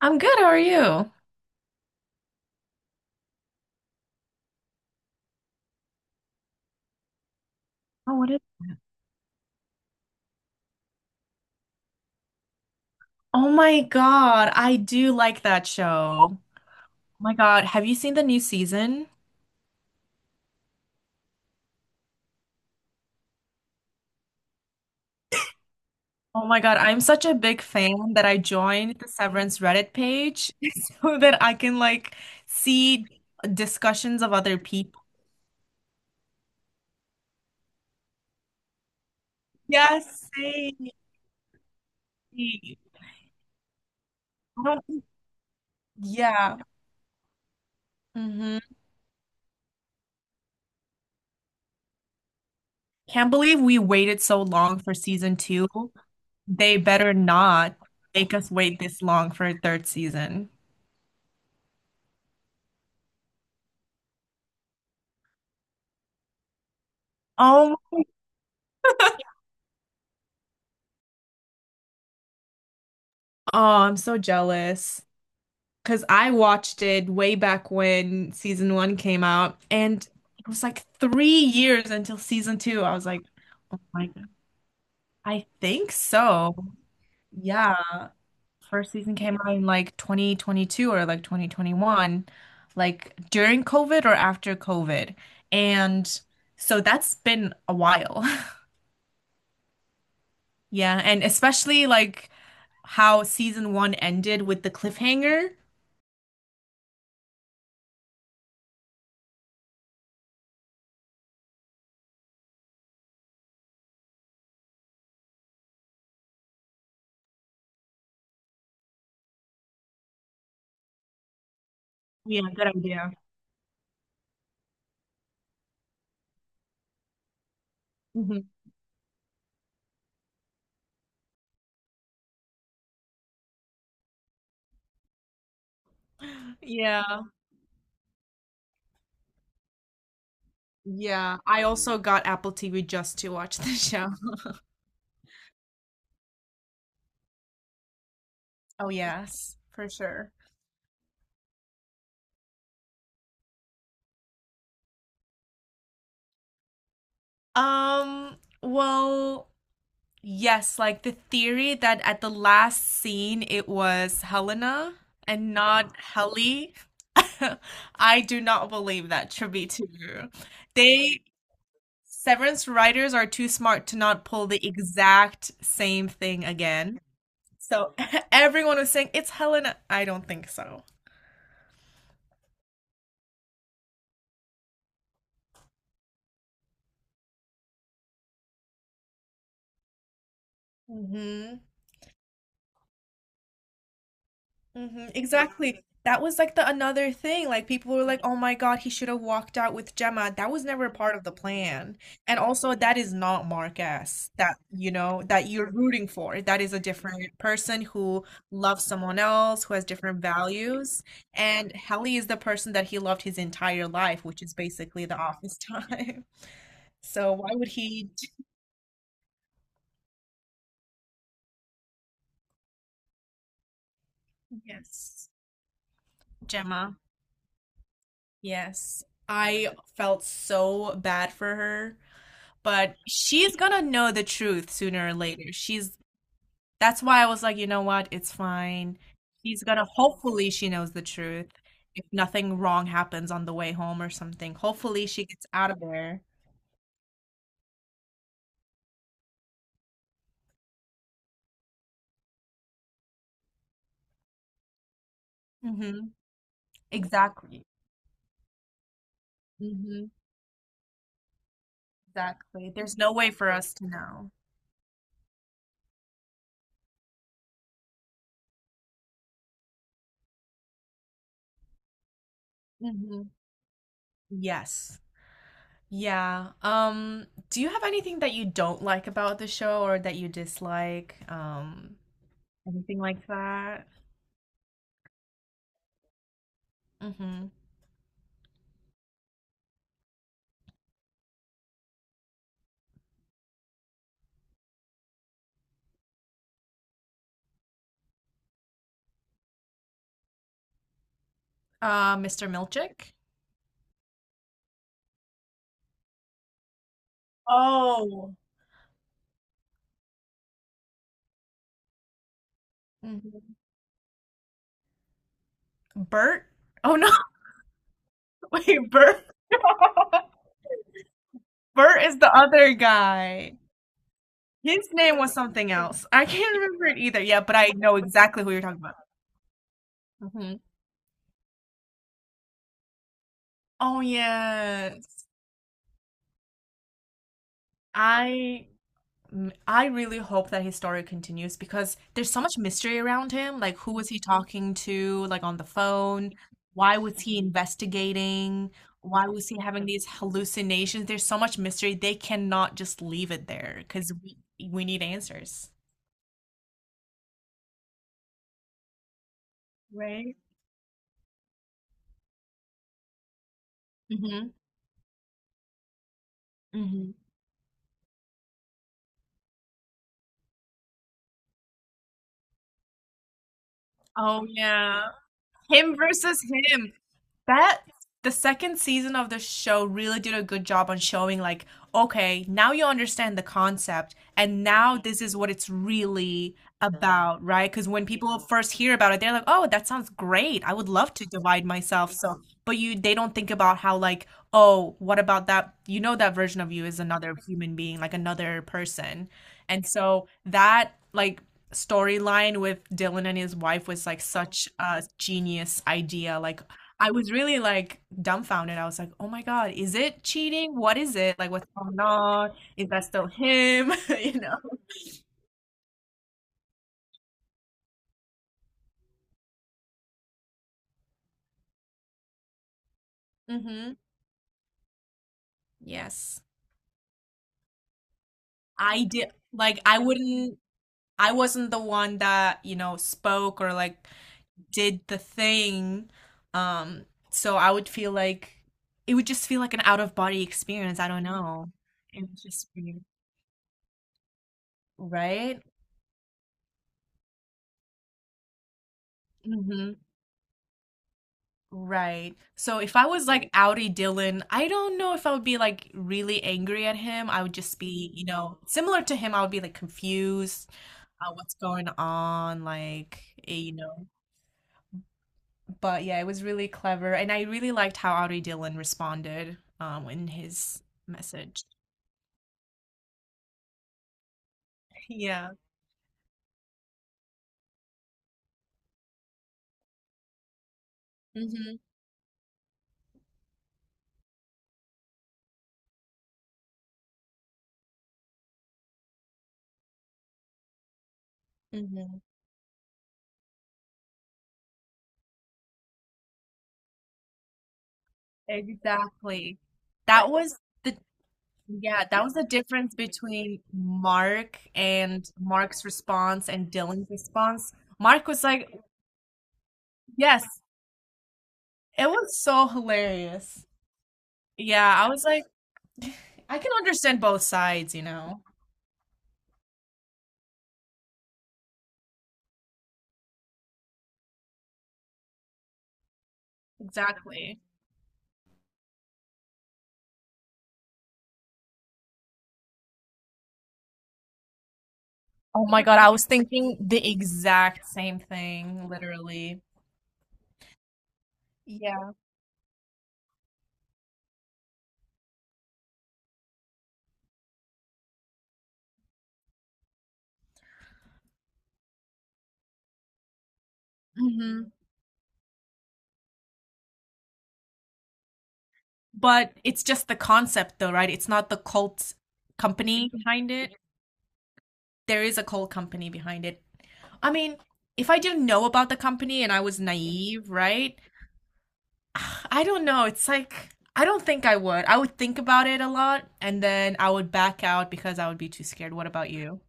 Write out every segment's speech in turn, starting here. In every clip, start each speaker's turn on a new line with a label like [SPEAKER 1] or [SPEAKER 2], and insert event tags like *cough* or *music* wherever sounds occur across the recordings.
[SPEAKER 1] I'm good. How are you? Oh, what is? Oh my God, I do like that show. Oh my God, have you seen the new season? Oh my God, I'm such a big fan that I joined the Severance Reddit page *laughs* so that I can like see discussions of other people. Yes, same. I don't think- Yeah. hmm Can't believe we waited so long for season two. They better not make us wait this long for a third season. Oh. Oh, I'm so jealous because I watched it way back when season one came out, and it was like 3 years until season two. I was like, oh my God, I think so. Yeah, first season came out in like 2022 or like 2021, like during COVID or after COVID. And so that's been a while. *laughs* Yeah, and especially like how season one ended with the cliffhanger. Yeah, good idea. Yeah. Yeah, I also got Apple TV just to watch the show. *laughs* Oh yes, for sure. Um, well, yes, like the theory that at the last scene it was Helena and not Helly. *laughs* I do not believe that to be true. They Severance writers are too smart to not pull the exact same thing again. So *laughs* everyone was saying it's Helena. I don't think so. Mhm. Exactly. That was like the another thing. Like people were like, "Oh my God, he should have walked out with Gemma." That was never part of the plan. And also, that is not Marquez that you know that you're rooting for. That is a different person who loves someone else, who has different values. And Helly is the person that he loved his entire life, which is basically the office time. *laughs* So why would he? Yes. Gemma. Yes, I felt so bad for her, but she's gonna know the truth sooner or later. She's That's why I was like, you know what? It's fine. She's gonna Hopefully she knows the truth. If nothing wrong happens on the way home or something, hopefully she gets out of there. hmm Exactly. hmm Exactly. There's no way for us to know. hmm Yes. Yeah. Do you have anything that you don't like about the show or that you dislike? Anything like that? Mm-hmm. Mr. Milchick? Oh. Mhm. Bert? Oh no, *laughs* wait, Bert. *laughs* Bert is the other guy. His name was something else. I can't remember it either. Yeah, but I know exactly who you're talking about. Mhm. Oh yes. I I really hope that his story continues because there's so much mystery around him. Like, who was he talking to, like on the phone? Why was he investigating? Why was he having these hallucinations? There's so much mystery. They cannot just leave it there because we need answers. Right? Mm-hmm. Mm-hmm. Oh yeah. Him versus him. That The second season of the show really did a good job on showing like, okay, now you understand the concept and now this is what it's really about, right? Because when people first hear about it, they're like, "Oh, that sounds great. I would love to divide myself." So, but you they don't think about how like, "Oh, what about that? You know that version of you is another human being, like another person." And so that like storyline with Dylan and his wife was like such a genius idea. Like, I was really like dumbfounded. I was like, oh my God, is it cheating? What is it? Like, what's going on? Is that still him? *laughs* You know? Mm-hmm. Yes. I did, like, I wouldn't, I wasn't the one that, you know, spoke or like did the thing. So I would feel like it would just feel like an out of body experience. I don't know. It was just weird, right? Mhm. Right. So if I was like Audi Dylan, I don't know if I would be like really angry at him. I would just be, you know, similar to him, I would be like confused, what's going on, like, you know. But yeah, it was really clever, and I really liked how Audi Dylan responded in his message. *laughs* Yeah. Mm-hmm. Mm-hmm. Exactly. That was the Yeah, that was the difference between Mark and Mark's response and Dylan's response. Mark was like, yes, it was so hilarious. Yeah, I was like, I can understand both sides, you know? Exactly. Oh my God, I was thinking the exact same thing, literally. Yeah. hmm But it's just the concept, though, right? It's not the cult company behind it. There is a coal company behind it. I mean, if I didn't know about the company and I was naive, right? *sighs* I don't know. It's like I don't think I would. I would think about it a lot and then I would back out because I would be too scared. What about you?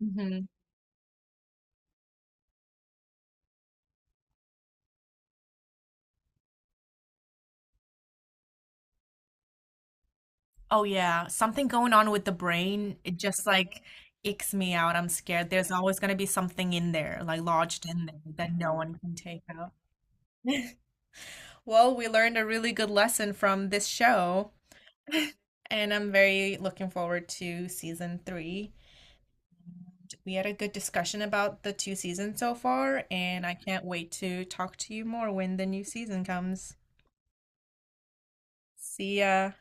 [SPEAKER 1] hmm Oh yeah, something going on with the brain. It just like icks me out. I'm scared. There's always going to be something in there, like lodged in there that no one can take out. *laughs* Well, we learned a really good lesson from this show. *laughs* And I'm very looking forward to season three. We had a good discussion about the two seasons so far, and I can't wait to talk to you more when the new season comes. See ya.